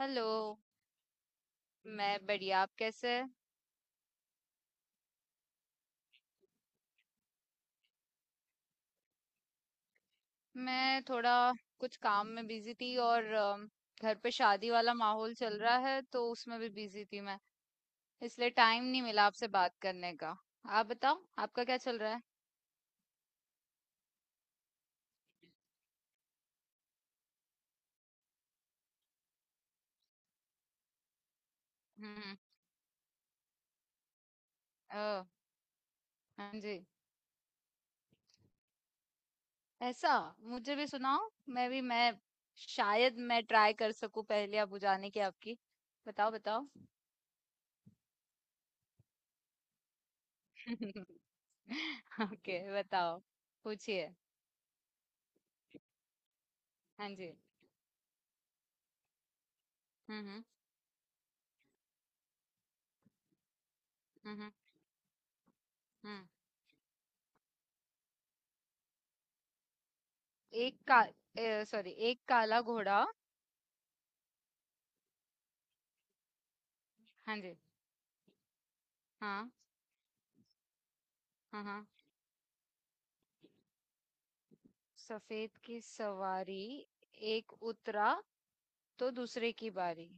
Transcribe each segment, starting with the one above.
Hello. मैं बढ़िया, आप कैसे हैं? मैं थोड़ा कुछ काम में बिजी थी और घर पे शादी वाला माहौल चल रहा है तो उसमें भी बिजी थी मैं। इसलिए टाइम नहीं मिला आपसे बात करने का। आप बताओ, आपका क्या चल रहा है? हम्म। ओ। हाँ जी। ऐसा। मुझे भी सुनाओ। मैं शायद मैं ट्राई कर सकूं, पहले आप बुझाने की आपकी। बताओ, बताओ। ओके, बताओ, पूछिए। हाँ जी। हम्म। हम्म। हम्म। हम्म। एक का, सॉरी, एक काला घोड़ा। हाँ जी। हाँ, हाँ, हाँ। सफेद की सवारी, एक उतरा तो दूसरे की बारी।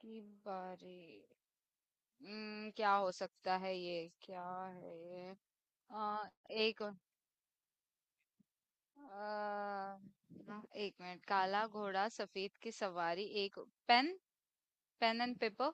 की बारी। क्या हो सकता है ये? क्या है ये? आ, एक आ, एक मिनट, काला घोड़ा, सफेद की सवारी, एक पेन पेन एंड पेपर।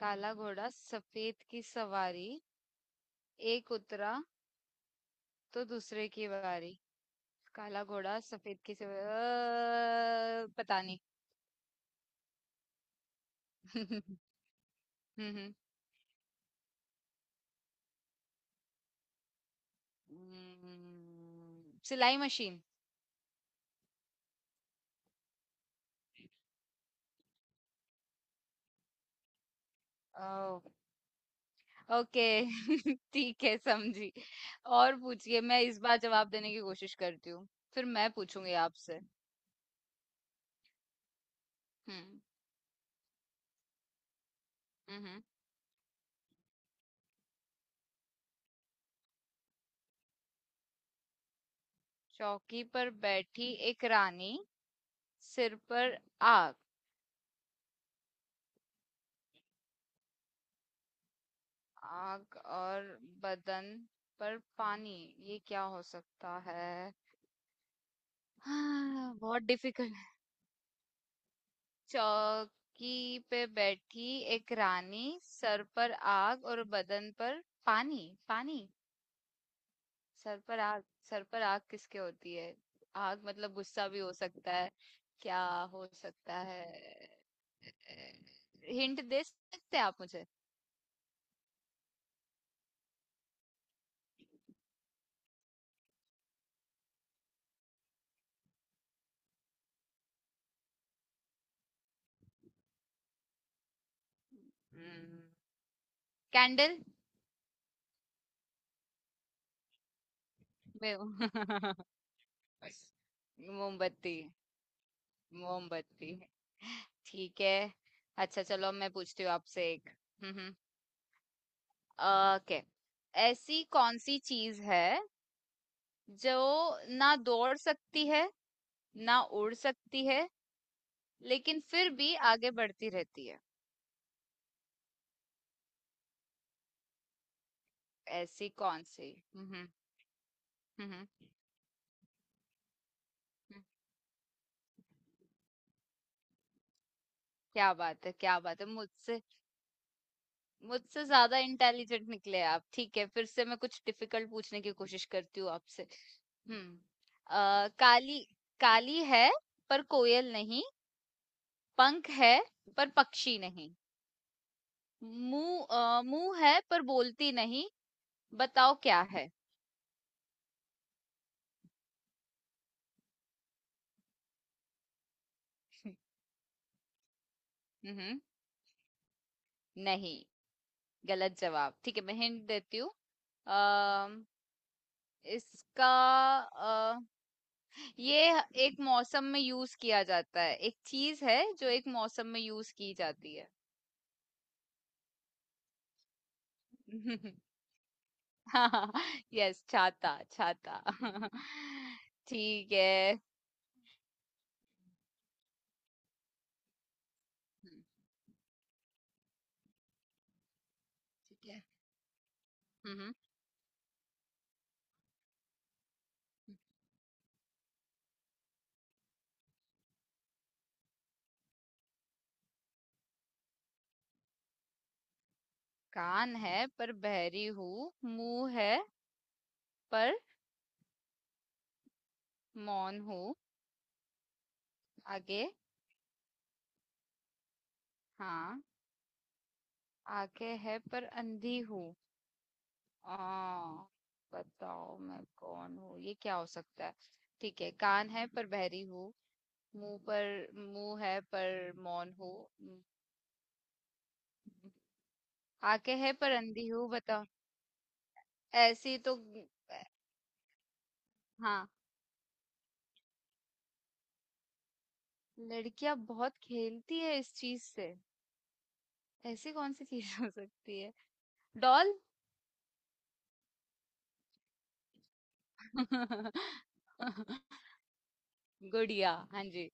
काला घोड़ा, सफेद की सवारी, एक उतरा तो दूसरे की बारी। काला घोड़ा, सफेद के सिवा, पता नहीं। हम्म सिलाई मशीन। ओ। ओके। ठीक है, समझी। और पूछिए, मैं इस बार जवाब देने की कोशिश करती हूँ। फिर मैं पूछूंगी आपसे। हम्म हम्म चौकी पर बैठी एक रानी, सिर पर आग। आग और बदन पर पानी। ये क्या हो सकता है? हाँ, बहुत डिफिकल्ट। चौकी पे बैठी एक रानी, सर पर आग और बदन पर पानी। पानी। सर पर आग। सर पर आग किसके होती है? आग मतलब गुस्सा भी हो सकता है, क्या? हो सकता है? हिंट दे सकते हैं आप मुझे? कैंडल। मैं। मोमबत्ती। मोमबत्ती। ठीक है। अच्छा चलो, अब मैं पूछती हूँ आपसे एक। हम्म हम्म। ओके, ऐसी कौन सी चीज है जो ना दौड़ सकती है, ना उड़ सकती है, लेकिन फिर भी आगे बढ़ती रहती है? ऐसी कौन सी। हम्म। हम्म। हम्म, क्या बात है, क्या बात है! मुझसे मुझसे ज्यादा इंटेलिजेंट निकले आप। ठीक है, फिर से मैं कुछ डिफिकल्ट पूछने की कोशिश करती हूँ आपसे। हम्म। अ, काली काली है पर कोयल नहीं, पंख है पर पक्षी नहीं, मुंह है पर बोलती नहीं। बताओ क्या है? हम्म। नहीं, गलत जवाब। ठीक है, मैं हिंट देती हूँ। अम, इसका अ, ये एक मौसम में यूज किया जाता है, एक चीज है जो एक मौसम में यूज की जाती है। हाँ, यस, छाता, छाता। ठीक है। हम्म, ठीक है। हम्म कान है पर बहरी हूँ, मुंह है पर मौन हूँ। आगे? हाँ। आंखें है पर अंधी हूँ। आ, बताओ मैं कौन हूँ? ये क्या हो सकता है? ठीक है, कान है पर बहरी हूँ, मुंह पर मुंह है पर मौन हूँ। म- आंखें है पर अंधी हूँ। बताओ। ऐसी तो... हाँ। लड़कियां बहुत खेलती है इस चीज से। ऐसी कौन सी चीज हो सकती है? डॉल। गुड़िया, हाँ जी।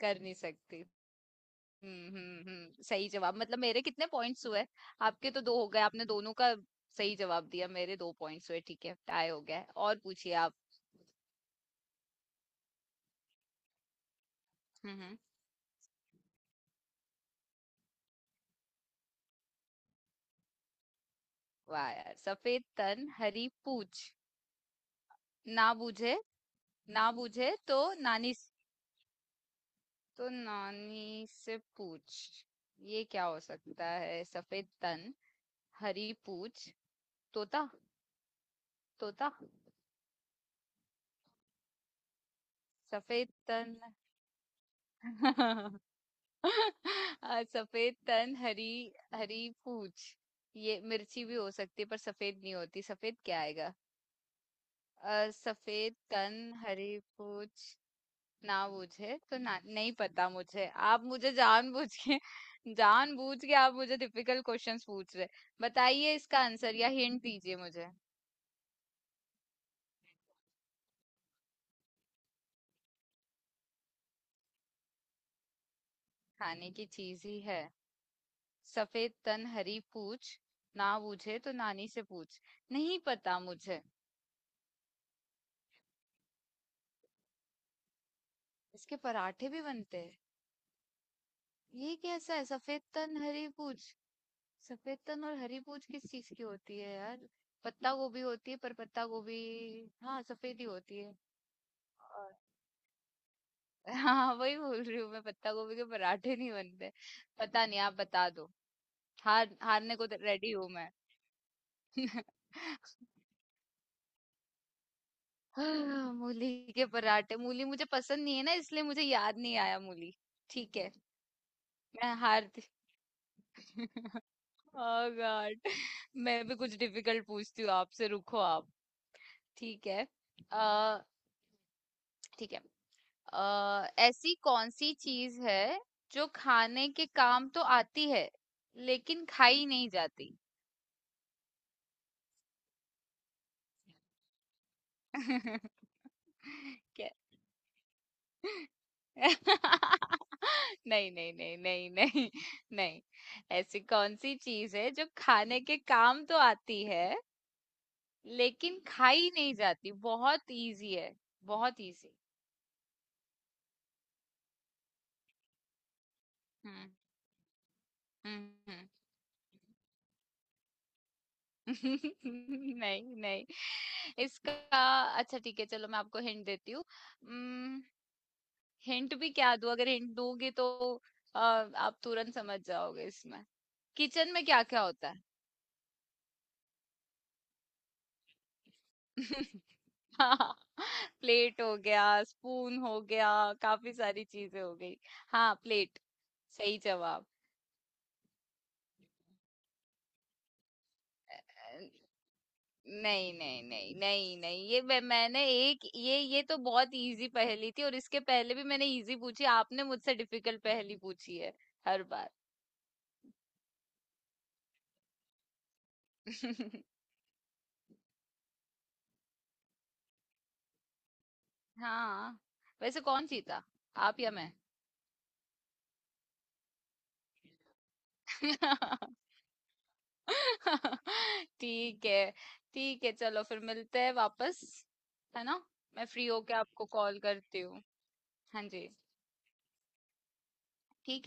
कर नहीं सकती। सही जवाब। मतलब मेरे कितने पॉइंट्स हुए? आपके तो दो हो गए, आपने दोनों का सही जवाब दिया, मेरे दो पॉइंट्स हुए। ठीक है, टाई हो गया है। और पूछिए आप। हम्म। वाह यार, सफेद तन हरी पूछ। ना बूझे, ना बूझे तो नानी से पूछ। ये क्या हो सकता है, सफेद तन हरी पूछ? तोता। तोता। सफेद तन। सफेद तन, हरी हरी पूछ। ये मिर्ची भी हो सकती है पर सफेद नहीं होती। सफेद क्या आएगा? सफेद तन हरी पूछ, ना बूझे तो नहीं पता मुझे। आप मुझे जानबूझ के जानबूझ के आप मुझे डिफिकल्ट क्वेश्चंस पूछ रहे। बताइए इसका आंसर या हिंट दीजिए मुझे। खाने की चीज ही है। सफेद तन हरी पूछ, ना बूझे तो नानी से पूछ। नहीं पता मुझे। इसके पराठे भी बनते हैं? ये कैसा है, सफेद तन हरी पूछ? सफेद तन और हरी पूछ किस चीज की होती है यार? पत्ता गोभी होती है, पर पत्ता गोभी? हाँ, सफेद ही होती है। और... हाँ, वही बोल रही हूँ मैं, पत्ता गोभी के पराठे नहीं बनते। पता नहीं, आप बता दो। हार हारने को रेडी हूँ मैं। हाँ, मूली के पराठे। मूली मुझे पसंद नहीं है ना, इसलिए मुझे याद नहीं आया। मूली। ठीक है। मैं हारती। ओह गॉड। मैं भी कुछ डिफिकल्ट पूछती हूँ आपसे, रुको आप। ठीक है। अ ठीक है। ऐसी कौन सी चीज है जो खाने के काम तो आती है, लेकिन खाई नहीं जाती? क्या? नहीं, नहीं, नहीं, नहीं, नहीं। नहीं। ऐसी कौन सी चीज है जो खाने के काम तो आती है लेकिन खाई नहीं जाती? बहुत इजी है, बहुत इजी। हम्म हम्म हम्म। नहीं, नहीं, इसका... अच्छा, ठीक है, चलो मैं आपको हिंट देती हूँ। हिंट भी क्या दूँ? अगर हिंट दूंगी तो आप तुरंत समझ जाओगे इसमें। किचन में क्या क्या होता है? हाँ, प्लेट हो गया, स्पून हो गया, काफी सारी चीजें हो गई। हाँ, प्लेट, सही जवाब। नहीं, नहीं, नहीं, नहीं, नहीं, ये मैंने एक ये तो बहुत इजी पहेली थी, और इसके पहले भी मैंने इजी पूछी, आपने मुझसे डिफिकल्ट पहेली पूछी है हर बार। हाँ। वैसे कौन जीता, आप या मैं? ठीक है, ठीक है, चलो फिर मिलते हैं वापस, है ना? मैं फ्री होके आपको कॉल करती हूँ। हाँ जी। ठीक है।